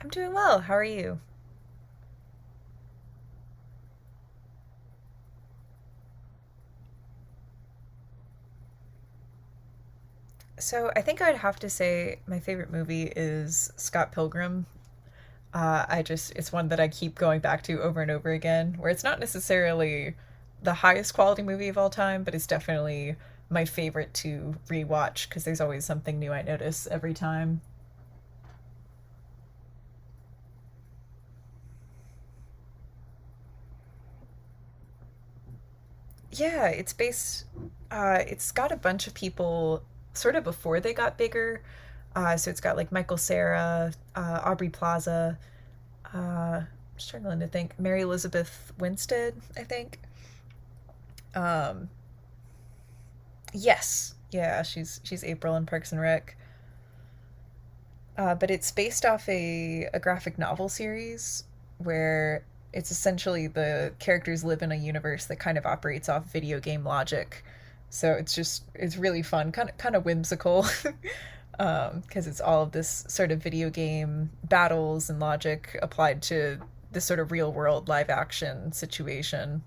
I'm doing well. How are you? So I think I'd have to say my favorite movie is Scott Pilgrim. I just it's one that I keep going back to over and over again, where it's not necessarily the highest quality movie of all time, but it's definitely my favorite to rewatch because there's always something new I notice every time. Yeah, it's based. It's got a bunch of people sort of before they got bigger. So it's got like Michael Sarah, Aubrey Plaza, uh, I'm struggling to think. Mary Elizabeth Winstead, I think. Um, yes, yeah, she's April in Parks and Rec. But it's based off a graphic novel series where it's essentially the characters live in a universe that kind of operates off video game logic. So it's really fun, kind of whimsical, because it's all of this sort of video game battles and logic applied to this sort of real world live action situation.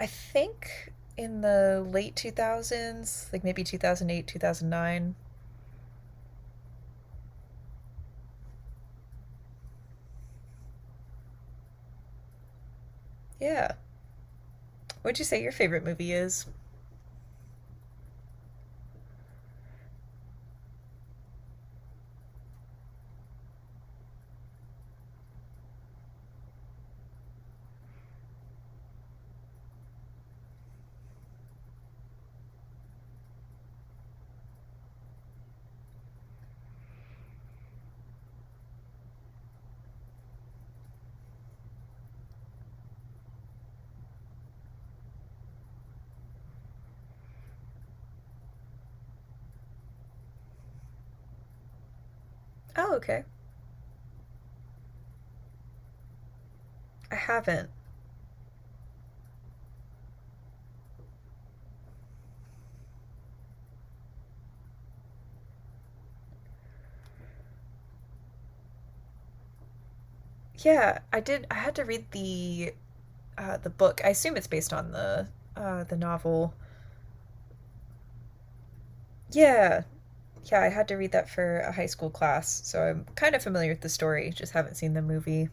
I think in the late 2000s, like maybe 2008, 2009. Yeah. What'd you say your favorite movie is? Oh, okay. I haven't. Yeah, I did. I had to read the book. I assume it's based on the novel. Yeah, yeah. I had to read that for a high school class, so I'm kind of familiar with the story. Just haven't seen the movie.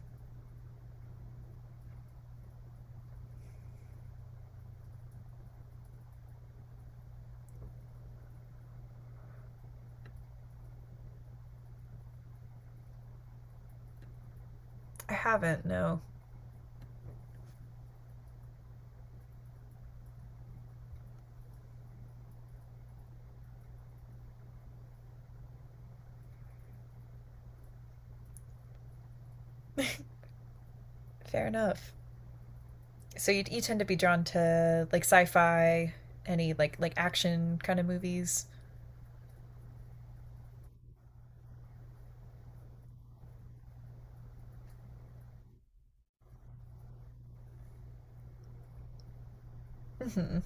I haven't. No. Fair enough. So you tend to be drawn to like sci-fi, any like action kind of movies. Hmm.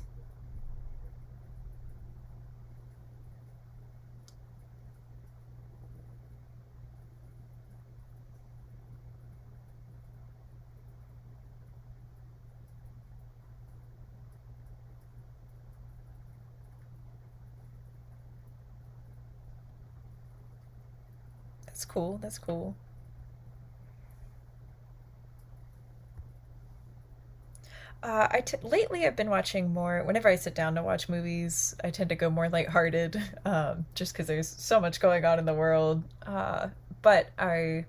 That's cool. That's cool. Lately I've been watching more. Whenever I sit down to watch movies, I tend to go more lighthearted, just because there's so much going on in the world. But I,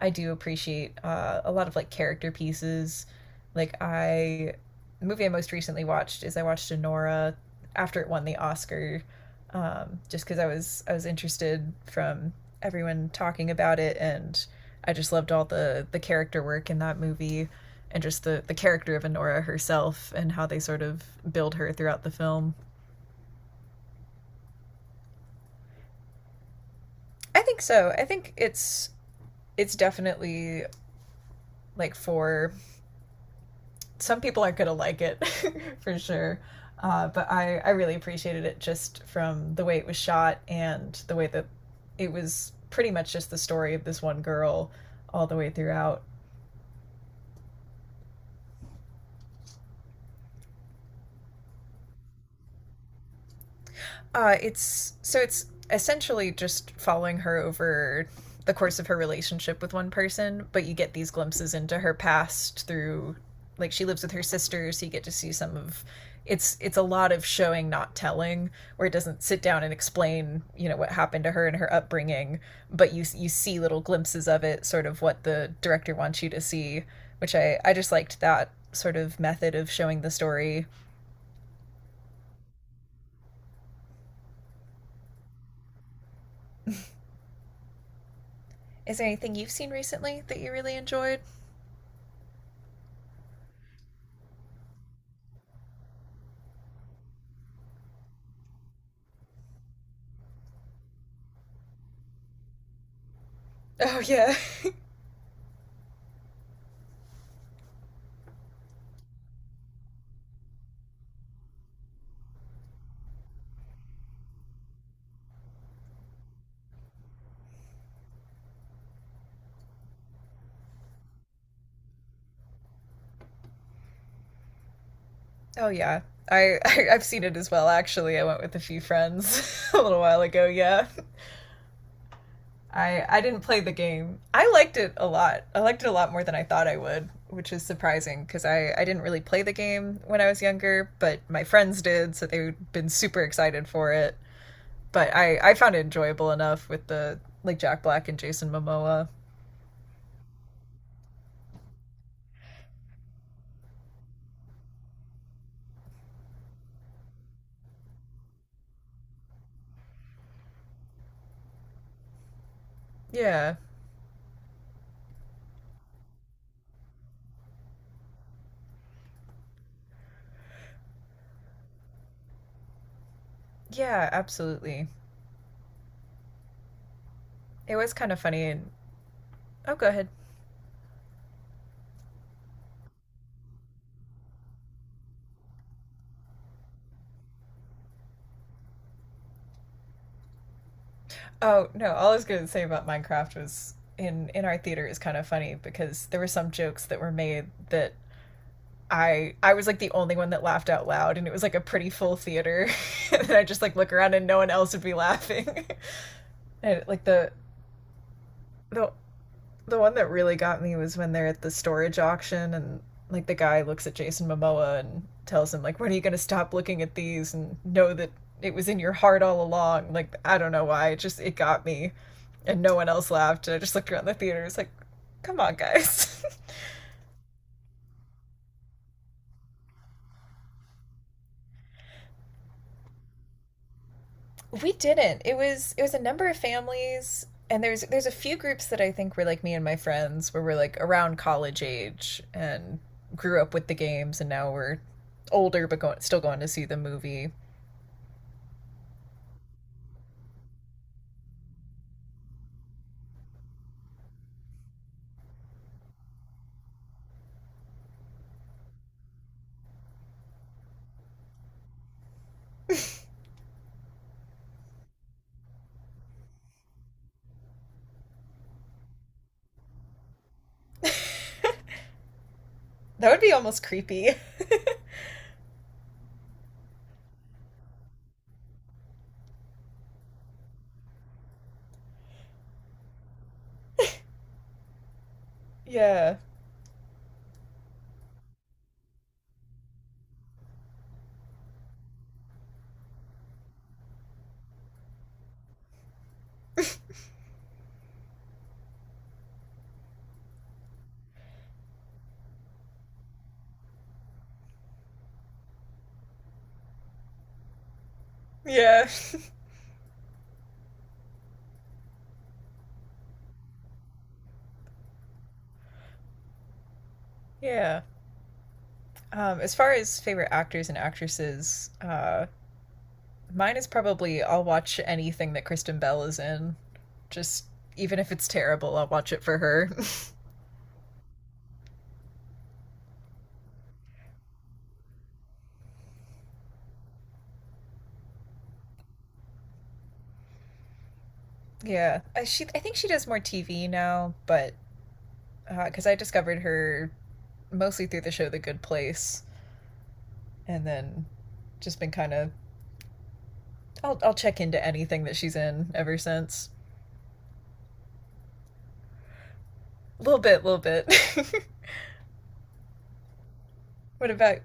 I do appreciate a lot of like character pieces. Like I, the movie I most recently watched is I watched Anora after it won the Oscar, just because I was interested from everyone talking about it, and I just loved all the character work in that movie. And just the character of Honora herself and how they sort of build her throughout the film. I think so. I think it's definitely like for some people aren't gonna like it for sure. I really appreciated it just from the way it was shot and the way that it was pretty much just the story of this one girl all the way throughout. It's so it's essentially just following her over the course of her relationship with one person, but you get these glimpses into her past through like she lives with her sister, so you get to see some of it's a lot of showing not telling, where it doesn't sit down and explain you know what happened to her and her upbringing. But you see little glimpses of it, sort of what the director wants you to see, which I just liked that sort of method of showing the story. Is there anything you've seen recently that you really enjoyed? Oh yeah. Oh yeah. I've seen it as well actually. I went with a few friends a little while ago, yeah. I didn't play the game. I liked it a lot. I liked it a lot more than I thought I would, which is surprising because I didn't really play the game when I was younger, but my friends did, so they've been super excited for it. But I found it enjoyable enough with the like Jack Black and Jason Momoa. Yeah. Yeah, absolutely. It was kind of funny and. Oh, go ahead. Oh no! All I was going to say about Minecraft was in our theater is kind of funny because there were some jokes that were made that I was like the only one that laughed out loud, and it was like a pretty full theater. And I just like look around and no one else would be laughing. And like the the the one that really got me was when they're at the storage auction, and like the guy looks at Jason Momoa and tells him, like, when are you going to stop looking at these and know that it was in your heart all along. Like I don't know why, it just it got me, and no one else laughed, and I just looked around the theater, it's like, come on guys. We didn't, it was a number of families, and there's a few groups that I think were like me and my friends, where we're like around college age and grew up with the games, and now we're older but going, still going to see the movie. That would be almost creepy. Yeah. Yeah. Yeah. As far as favorite actors and actresses, mine is probably I'll watch anything that Kristen Bell is in. Just even if it's terrible, I'll watch it for her. Yeah, she I think she does more TV now, but because I discovered her mostly through the show The Good Place, and then just been kind of I'll check into anything that she's in ever since. A little bit, a little bit. What about—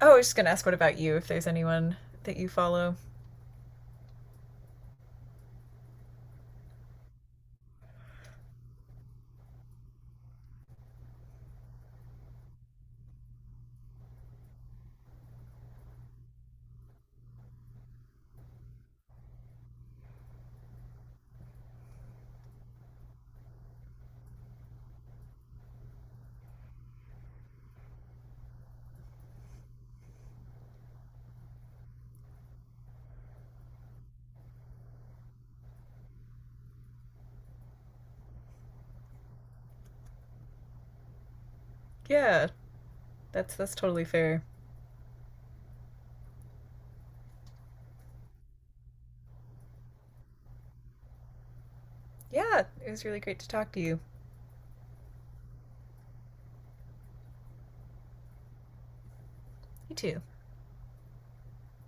Oh, I was just gonna ask, what about you, if there's anyone that you follow. Yeah, that's totally fair. Yeah, it was really great to talk to you. You too.